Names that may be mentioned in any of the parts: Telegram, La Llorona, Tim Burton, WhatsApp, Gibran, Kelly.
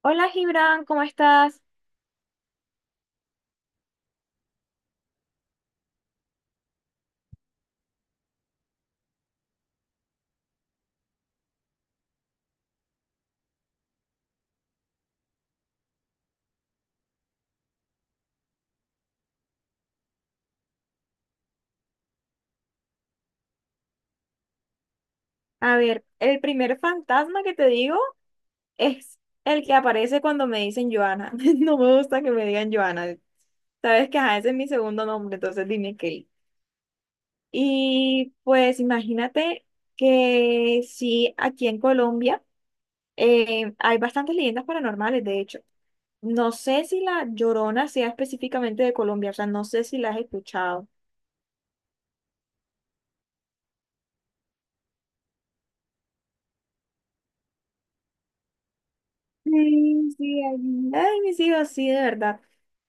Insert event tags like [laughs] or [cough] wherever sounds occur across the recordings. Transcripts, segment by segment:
Hola Gibran, ¿cómo estás? A ver, el primer fantasma que te digo es el que aparece cuando me dicen Joana. [laughs] No me gusta que me digan Joana. Sabes que ajá, ese es mi segundo nombre, entonces dime Kelly. Y pues imagínate que sí, aquí en Colombia hay bastantes leyendas paranormales, de hecho. No sé si la Llorona sea específicamente de Colombia, o sea, no sé si la has escuchado. Sí, sí, ay, ay, mis hijos, sí, de verdad.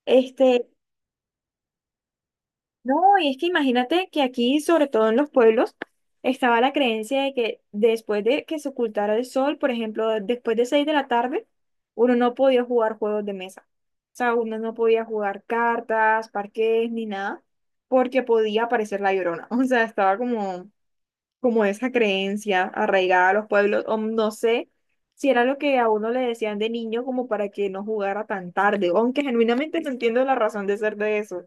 Este, No, y es que imagínate que aquí, sobre todo en los pueblos, estaba la creencia de que después de que se ocultara el sol, por ejemplo, después de 6 de la tarde, uno no podía jugar juegos de mesa. O sea, uno no podía jugar cartas, parques, ni nada, porque podía aparecer la llorona. [laughs] O sea, estaba como, como esa creencia arraigada a los pueblos, o no sé si era lo que a uno le decían de niño como para que no jugara tan tarde, aunque genuinamente no entiendo la razón de ser de eso.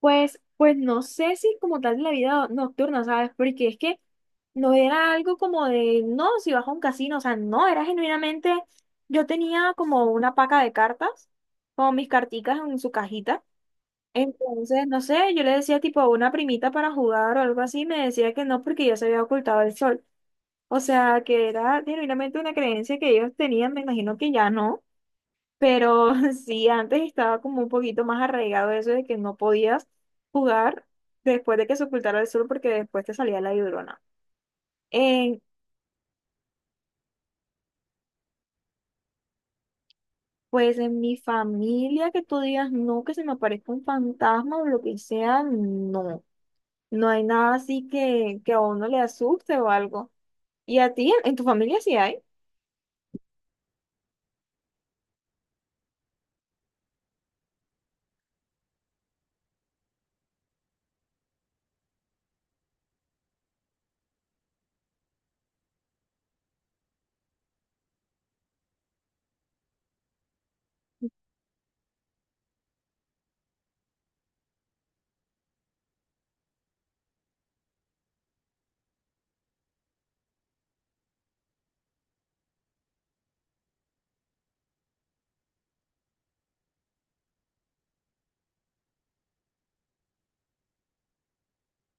Pues, no sé si como tal de la vida nocturna, ¿sabes? Porque es que no era algo como de, no, si vas a un casino, o sea, no, era genuinamente, yo tenía como una paca de cartas, como mis carticas en su cajita. Entonces, no sé, yo le decía tipo a una primita para jugar o algo así, me decía que no porque ya se había ocultado el sol. O sea, que era genuinamente una creencia que ellos tenían, me imagino que ya no. Pero [laughs] sí, antes estaba como un poquito más arraigado eso de que no podías jugar después de que se ocultara el sol porque después te salía la llorona. En- pues en mi familia que tú digas no, que se me aparezca un fantasma o lo que sea, no. No hay nada así que a uno le asuste o algo. ¿Y a ti, en tu familia sí hay?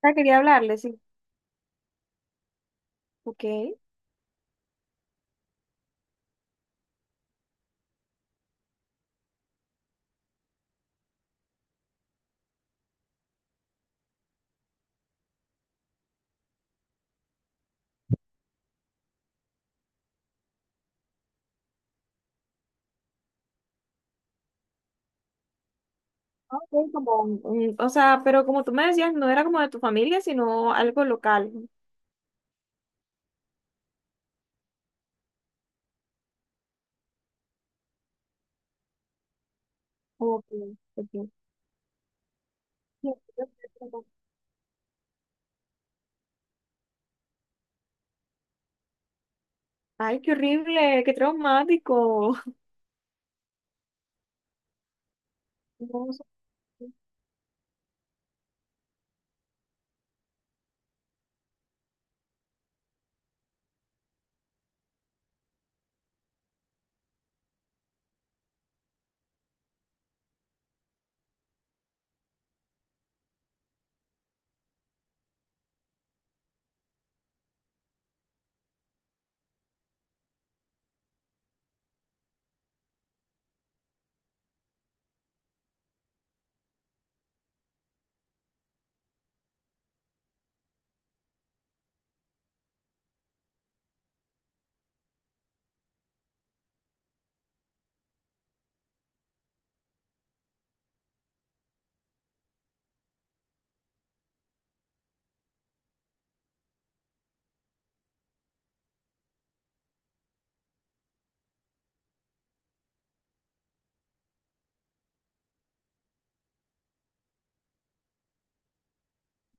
Ah, quería hablarle, sí. Ok. Ah, ok, como o sea, pero como tú me decías, no era como de tu familia, sino algo local. Ok, ok. Ay, qué horrible, qué traumático. No, o sea, ok,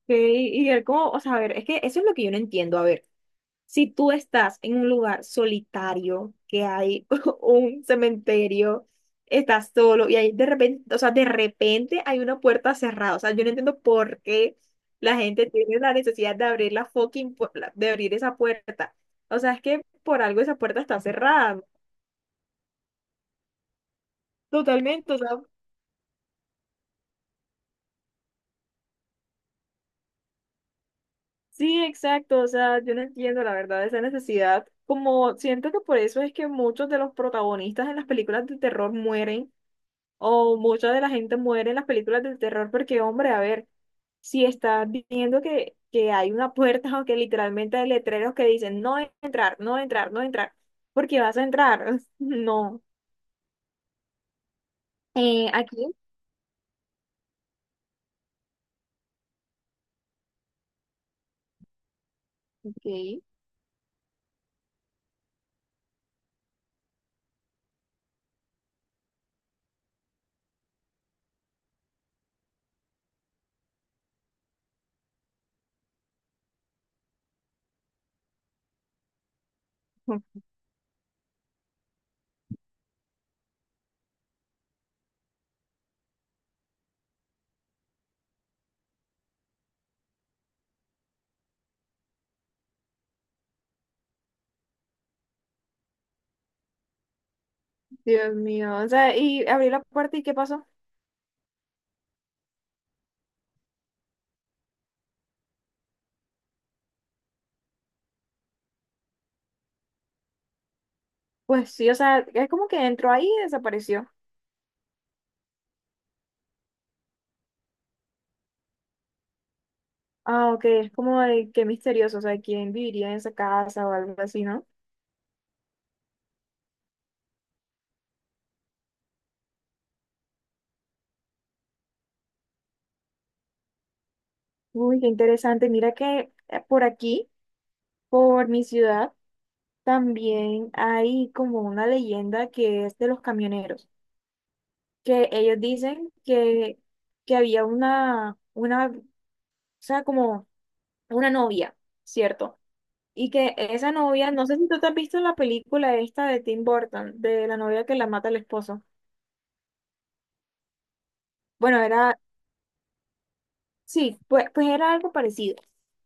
y él como, o sea, a ver, es que eso es lo que yo no entiendo. A ver, si tú estás en un lugar solitario, que hay [laughs] un cementerio, estás solo y ahí de repente, o sea, de repente hay una puerta cerrada. O sea, yo no entiendo por qué la gente tiene la necesidad de abrir la fucking, de abrir esa puerta. O sea, es que por algo esa puerta está cerrada. Totalmente, o sea, sí, exacto. O sea, yo no entiendo la verdad esa necesidad. Como siento que por eso es que muchos de los protagonistas en las películas de terror mueren o mucha de la gente muere en las películas de terror porque, hombre, a ver, si estás viendo que hay una puerta [laughs] o que literalmente hay letreros que dicen no entrar, no entrar, no entrar, porque vas a entrar. [laughs] No. Aquí. Ok. Dios mío, o sea, y abrí la puerta y ¿qué pasó? Pues sí, o sea, es como que entró ahí y desapareció. Ah, ok, es como de qué misterioso, o sea, quién viviría en esa casa o algo así, ¿no? Uy, qué interesante. Mira que por aquí, por mi ciudad, también hay como una leyenda que es de los camioneros, que ellos dicen que había o sea, como una novia, ¿cierto? Y que esa novia, no sé si tú te has visto la película esta de Tim Burton, de la novia que la mata el esposo. Bueno, era, sí, pues era algo parecido,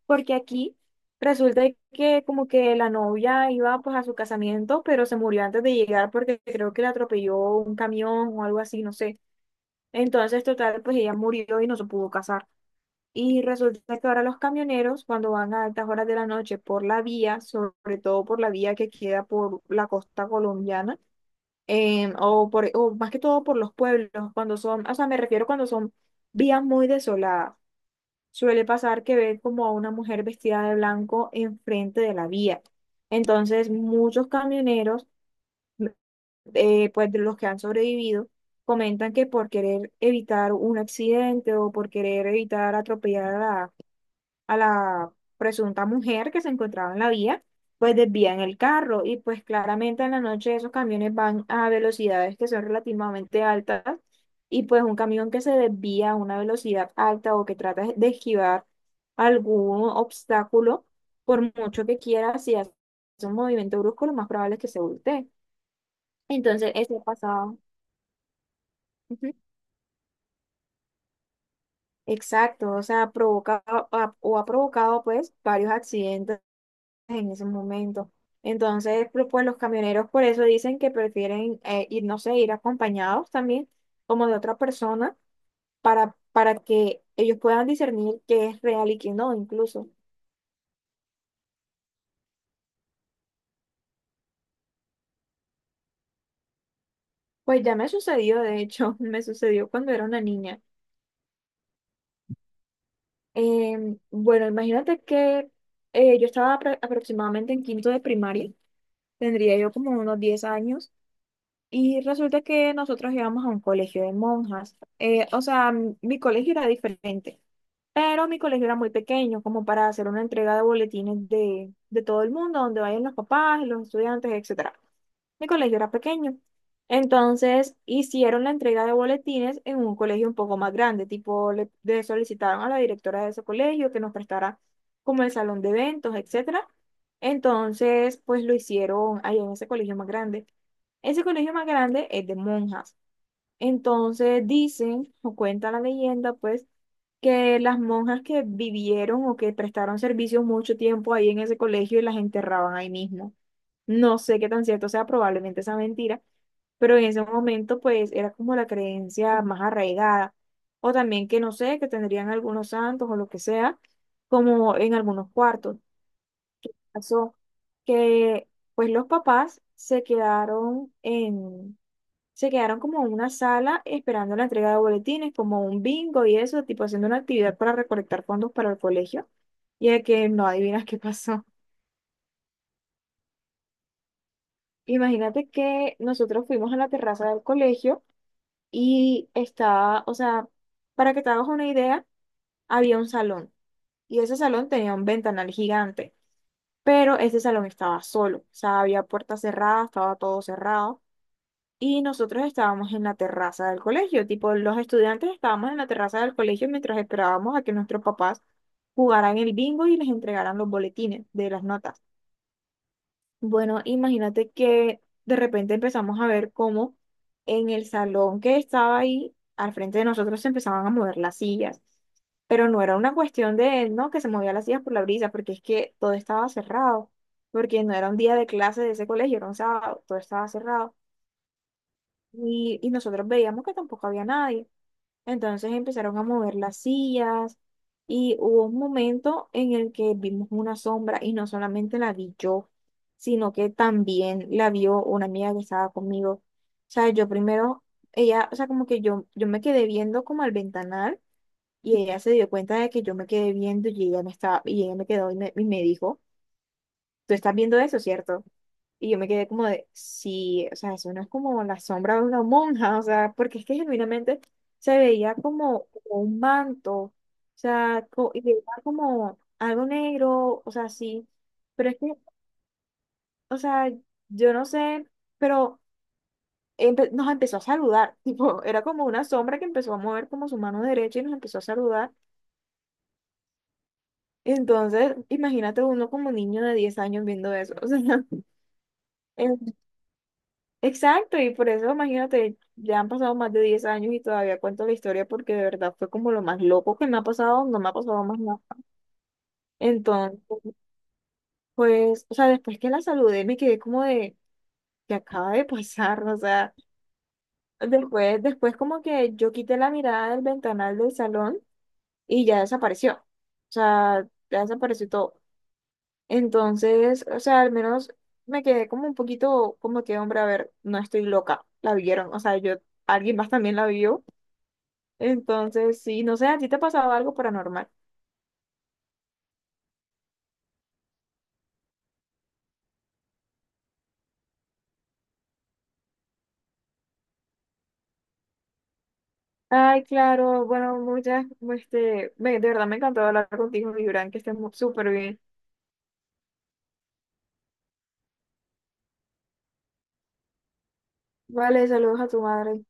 porque aquí resulta que como que la novia iba pues a su casamiento, pero se murió antes de llegar porque creo que le atropelló un camión o algo así, no sé. Entonces, total, pues ella murió y no se pudo casar. Y resulta que ahora los camioneros, cuando van a altas horas de la noche por la vía, sobre todo por la vía que queda por la costa colombiana, o más que todo por los pueblos, cuando son, o sea, me refiero cuando son vías muy desoladas suele pasar que ven como a una mujer vestida de blanco enfrente de la vía. Entonces, muchos camioneros, pues de los que han sobrevivido, comentan que por querer evitar un accidente o por querer evitar atropellar a la presunta mujer que se encontraba en la vía, pues desvían el carro y pues claramente en la noche esos camiones van a velocidades que son relativamente altas y pues un camión que se desvía a una velocidad alta o que trata de esquivar algún obstáculo, por mucho que quiera, si hace un movimiento brusco, lo más probable es que se voltee. Entonces, eso ha pasado. Ujú. Exacto, o sea, provoca o ha provocado pues varios accidentes en ese momento. Entonces, pero, pues los camioneros por eso dicen que prefieren ir, no sé, ir acompañados también, como de otra persona, para que ellos puedan discernir qué es real y qué no, incluso. Pues ya me sucedió, de hecho, [laughs] me sucedió cuando era una niña. Bueno, imagínate que yo estaba aproximadamente en quinto de primaria, tendría yo como unos 10 años. Y resulta que nosotros íbamos a un colegio de monjas. O sea, mi colegio era diferente, pero mi colegio era muy pequeño, como para hacer una entrega de boletines de todo el mundo, donde vayan los papás, los estudiantes, etc. Mi colegio era pequeño. Entonces hicieron la entrega de boletines en un colegio un poco más grande, tipo le solicitaron a la directora de ese colegio que nos prestara como el salón de eventos, etcétera. Entonces, pues lo hicieron ahí en ese colegio más grande. Ese colegio más grande es de monjas. Entonces dicen, o cuenta la leyenda, pues, que las monjas que vivieron o que prestaron servicio mucho tiempo ahí en ese colegio y las enterraban ahí mismo. No sé qué tan cierto sea, probablemente sea mentira, pero en ese momento pues era como la creencia más arraigada. O también que no sé, que tendrían algunos santos o lo que sea, como en algunos cuartos. Pasó que pues los papás se quedaron como en una sala esperando la entrega de boletines, como un bingo y eso, tipo haciendo una actividad para recolectar fondos para el colegio. Y de que no adivinas qué pasó. [laughs] Imagínate que nosotros fuimos a la terraza del colegio y estaba, o sea, para que te hagas una idea, había un salón y ese salón tenía un ventanal gigante, pero ese salón estaba solo, o sea, había puertas cerradas, estaba todo cerrado. Y nosotros estábamos en la terraza del colegio, tipo los estudiantes estábamos en la terraza del colegio mientras esperábamos a que nuestros papás jugaran el bingo y les entregaran los boletines de las notas. Bueno, imagínate que de repente empezamos a ver cómo en el salón que estaba ahí, al frente de nosotros, se empezaban a mover las sillas. Pero no era una cuestión de, no, que se movían las sillas por la brisa, porque es que todo estaba cerrado, porque no era un día de clase de ese colegio, era un sábado, todo estaba cerrado. Y nosotros veíamos que tampoco había nadie. Entonces empezaron a mover las sillas y hubo un momento en el que vimos una sombra y no solamente la vi yo, sino que también la vio una amiga que estaba conmigo. O sea, yo primero, ella, o sea, como que yo me quedé viendo como al ventanal y ella se dio cuenta de que yo me quedé viendo y ella me estaba, y ella me quedó y me dijo, tú estás viendo eso, ¿cierto? Y yo me quedé como de, sí, o sea, eso no es como la sombra de una monja, o sea, porque es que genuinamente se veía como un manto, o sea, y era como algo negro, o sea, sí, pero es que, o sea, yo no sé, pero nos empezó a saludar, [laughs] tipo, era como una sombra que empezó a mover como su mano derecha y nos empezó a saludar. Entonces, imagínate uno como niño de 10 años viendo eso, [laughs] o sea, exacto, y por eso imagínate, ya han pasado más de 10 años y todavía cuento la historia porque de verdad fue como lo más loco que me ha pasado, no me ha pasado más nada. Entonces, pues, o sea, después que la saludé me quedé como de, ¿que acaba de pasar? O sea, después como que yo quité la mirada del ventanal del salón y ya desapareció. O sea, ya desapareció todo. Entonces, o sea, al menos me quedé como un poquito como que, hombre, a ver, no estoy loca, la vieron, o sea, yo, alguien más también la vio. Entonces, sí, no sé, ¿a ti te ha pasado algo paranormal? Ay, claro, bueno, muchas, de verdad me encantó hablar contigo, Gibran, que estés súper bien. Vale, saludos a tu madre.